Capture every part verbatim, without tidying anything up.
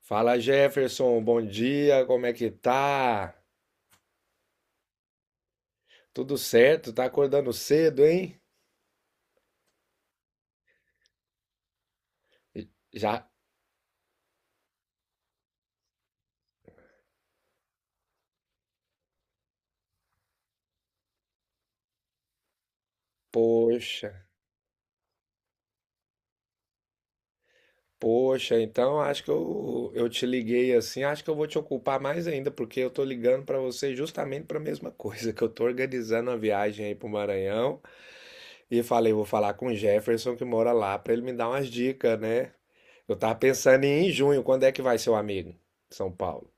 Fala, Jefferson, bom dia, como é que tá? Tudo certo? Tá acordando cedo, hein? Já, poxa, poxa, então acho que eu, eu te liguei assim, acho que eu vou te ocupar mais ainda, porque eu tô ligando pra você justamente pra mesma coisa, que eu tô organizando a viagem aí pro Maranhão e falei, vou falar com o Jefferson que mora lá pra ele me dar umas dicas, né? Eu tava pensando em ir em junho, quando é que vai seu amigo? São Paulo.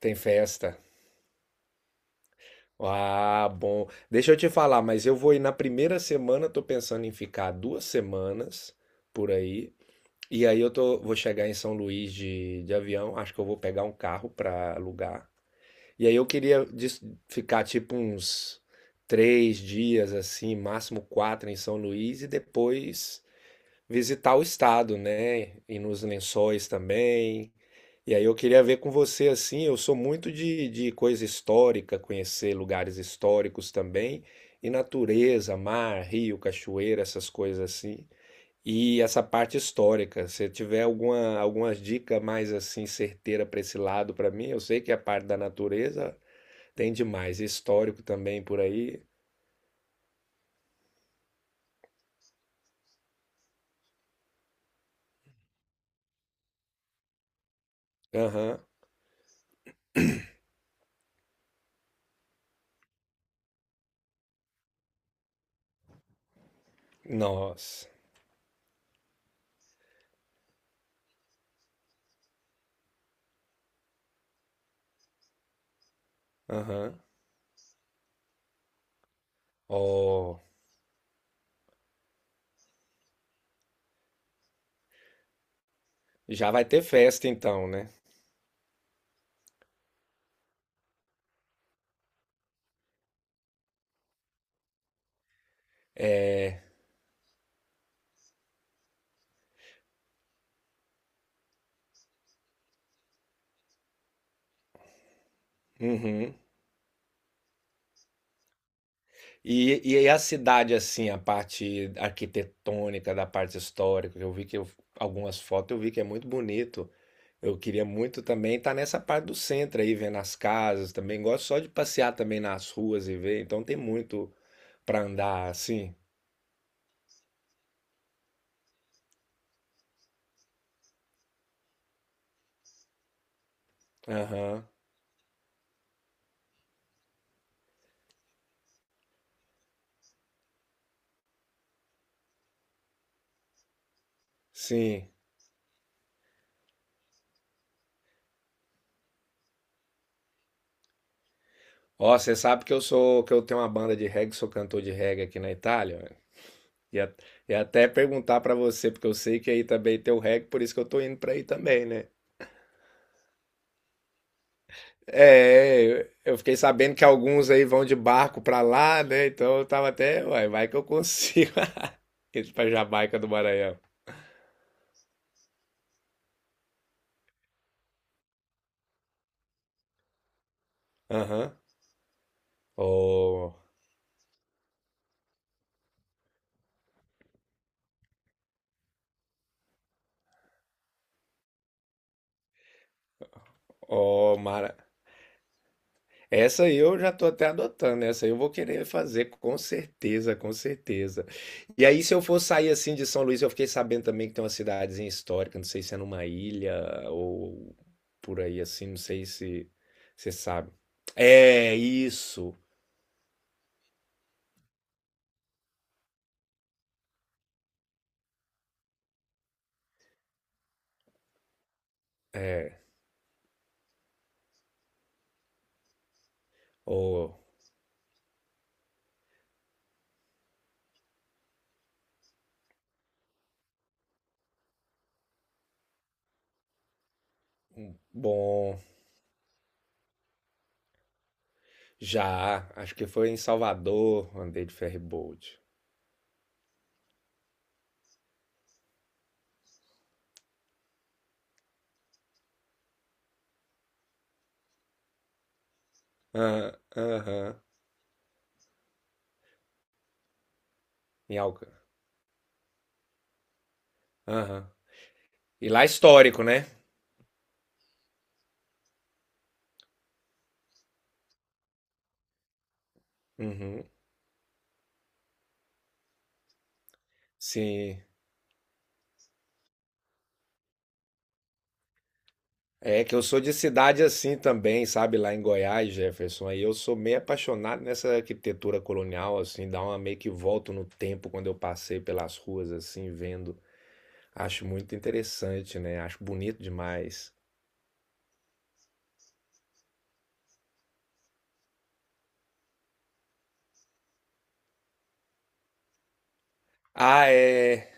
Tem festa. Ah, bom. Deixa eu te falar, mas eu vou ir na primeira semana, tô pensando em ficar duas semanas por aí. E aí eu tô, vou chegar em São Luís de, de avião, acho que eu vou pegar um carro pra alugar. E aí eu queria dis- ficar tipo uns três dias assim, máximo quatro em São Luís e depois visitar o estado, né? Ir nos Lençóis também. E aí eu queria ver com você assim, eu sou muito de, de coisa histórica, conhecer lugares históricos também, e natureza, mar, rio, cachoeira, essas coisas assim. E essa parte histórica, se tiver alguma alguma dica mais assim certeira para esse lado para mim, eu sei que a parte da natureza tem demais, histórico também por aí. Aham. Nossa. Aham. Ó, já vai ter festa então, né? Uhum. E, e aí a cidade, assim, a parte arquitetônica, da parte histórica, eu vi que eu- algumas fotos eu vi que é muito bonito. Eu queria muito também estar nessa parte do centro aí, vendo as casas também. Gosto só de passear também nas ruas e ver, então tem muito para andar, assim. Aham, sim. Ó, você sabe que eu sou, que eu tenho uma banda de reggae, sou cantor de reggae aqui na Itália, né? E, a- e até perguntar para você, porque eu sei que aí também tem o reggae, por isso que eu tô indo para aí também, né? É, eu eu fiquei sabendo que alguns aí vão de barco pra lá, né? Então eu tava até, uai, vai que eu consigo ir pra Jamaica do Maranhão. Aham. Ó, ó, Mara. Essa aí eu já tô até adotando, né? Essa aí eu vou querer fazer, com certeza, com certeza. E aí, se eu for sair assim de São Luís, eu fiquei sabendo também que tem uma cidadezinha histórica, não sei se é numa ilha ou por aí assim, não sei se você sabe. É isso. É. Oh, bom. Já, acho que foi em Salvador, andei de ferryboat. Ah, aham, em Alca. Aham. E lá é histórico, né? Uhum. Sim. É que eu sou de cidade assim também, sabe? Lá em Goiás, Jefferson. Aí eu sou meio apaixonado nessa arquitetura colonial, assim, dá uma meio que volto no tempo quando eu passei pelas ruas, assim, vendo. Acho muito interessante, né? Acho bonito demais. Ah, é.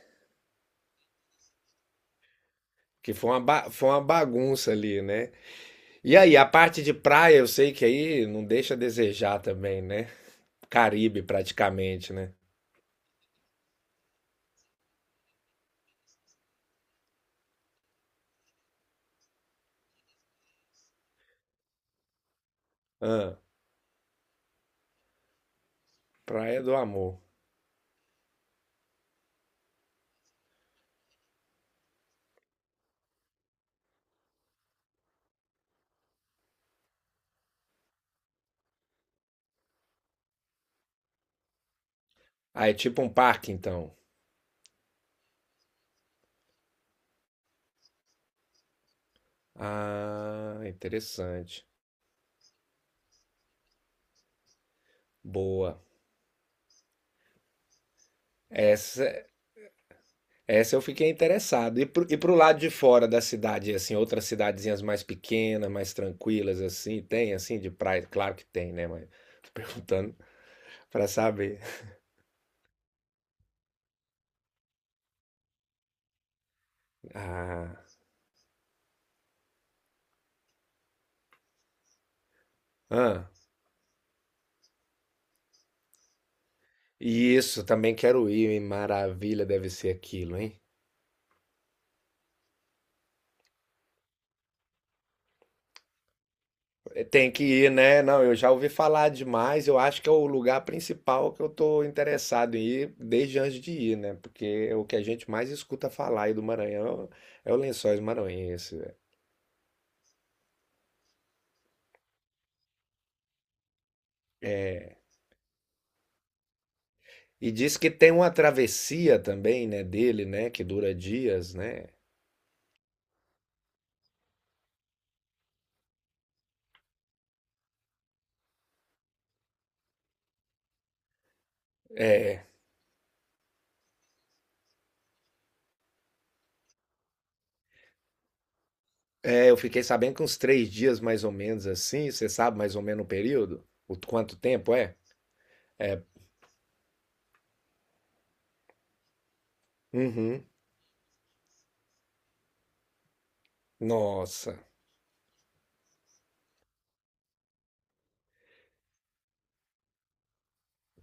Que foi uma, ba- foi uma bagunça ali, né? E aí, a parte de praia, eu sei que aí não deixa a desejar também, né? Caribe, praticamente, né? Ah, praia do amor. Ah, é tipo um parque, então. Ah, interessante. Boa. Essa, essa eu fiquei interessado. E pro, e pro lado de fora da cidade, assim, outras cidadezinhas mais pequenas, mais tranquilas, assim, tem, assim, de praia? Claro que tem, né? Mas tô perguntando pra saber. Ah, ah, e isso, também quero ir, hein? Maravilha deve ser aquilo, hein? Tem que ir, né? Não, eu já ouvi falar demais. Eu acho que é o lugar principal que eu tô interessado em ir desde antes de ir, né? Porque o que a gente mais escuta falar aí do Maranhão é o Lençóis Maranhense, velho. E diz que tem uma travessia também, né, dele, né, que dura dias, né? É, é, eu fiquei sabendo que uns três dias mais ou menos assim. Você sabe mais ou menos o período? O quanto tempo é? Uhum. Nossa.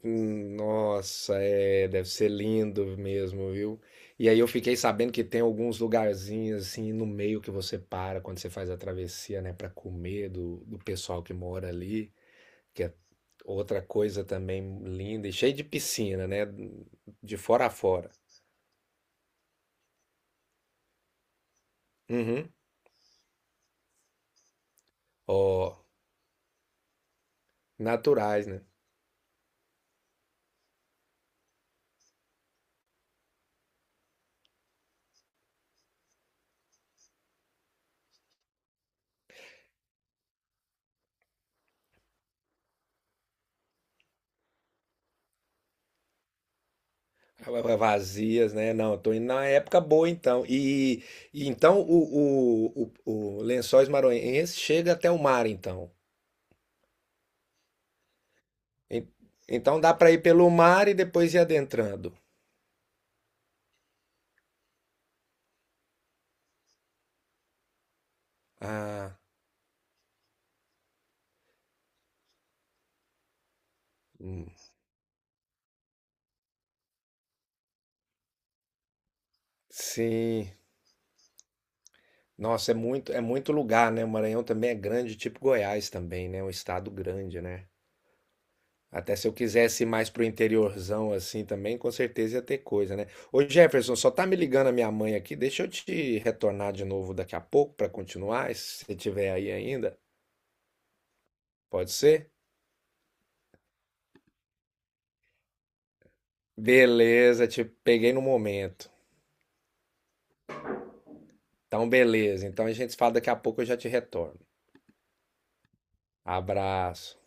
Hum, Nossa, é, deve ser lindo mesmo, viu? E aí eu fiquei sabendo que tem alguns lugarzinhos assim no meio que você para quando você faz a travessia, né, para comer do, do pessoal que mora ali, que é outra coisa também linda e cheio de piscina, né, de fora a fora. Uhum. Ó, naturais, né? Ah, vazias, né? Não, eu tô indo na época boa então. E, e então o, o, o, o Lençóis Maranhenses chega até o mar então. En- Então dá para ir pelo mar e depois ir adentrando. Ah, hum, sim. Nossa, é muito, é muito lugar, né? O Maranhão também é grande, tipo Goiás também, né? É um estado grande, né? Até se eu quisesse ir mais pro interiorzão assim também, com certeza ia ter coisa, né? Ô Jefferson, só tá me ligando a minha mãe aqui. Deixa eu te retornar de novo daqui a pouco para continuar, se você tiver aí ainda. Pode ser? Beleza, te peguei no momento. Então, beleza. Então a gente se fala daqui a pouco, eu já te retorno. Abraço.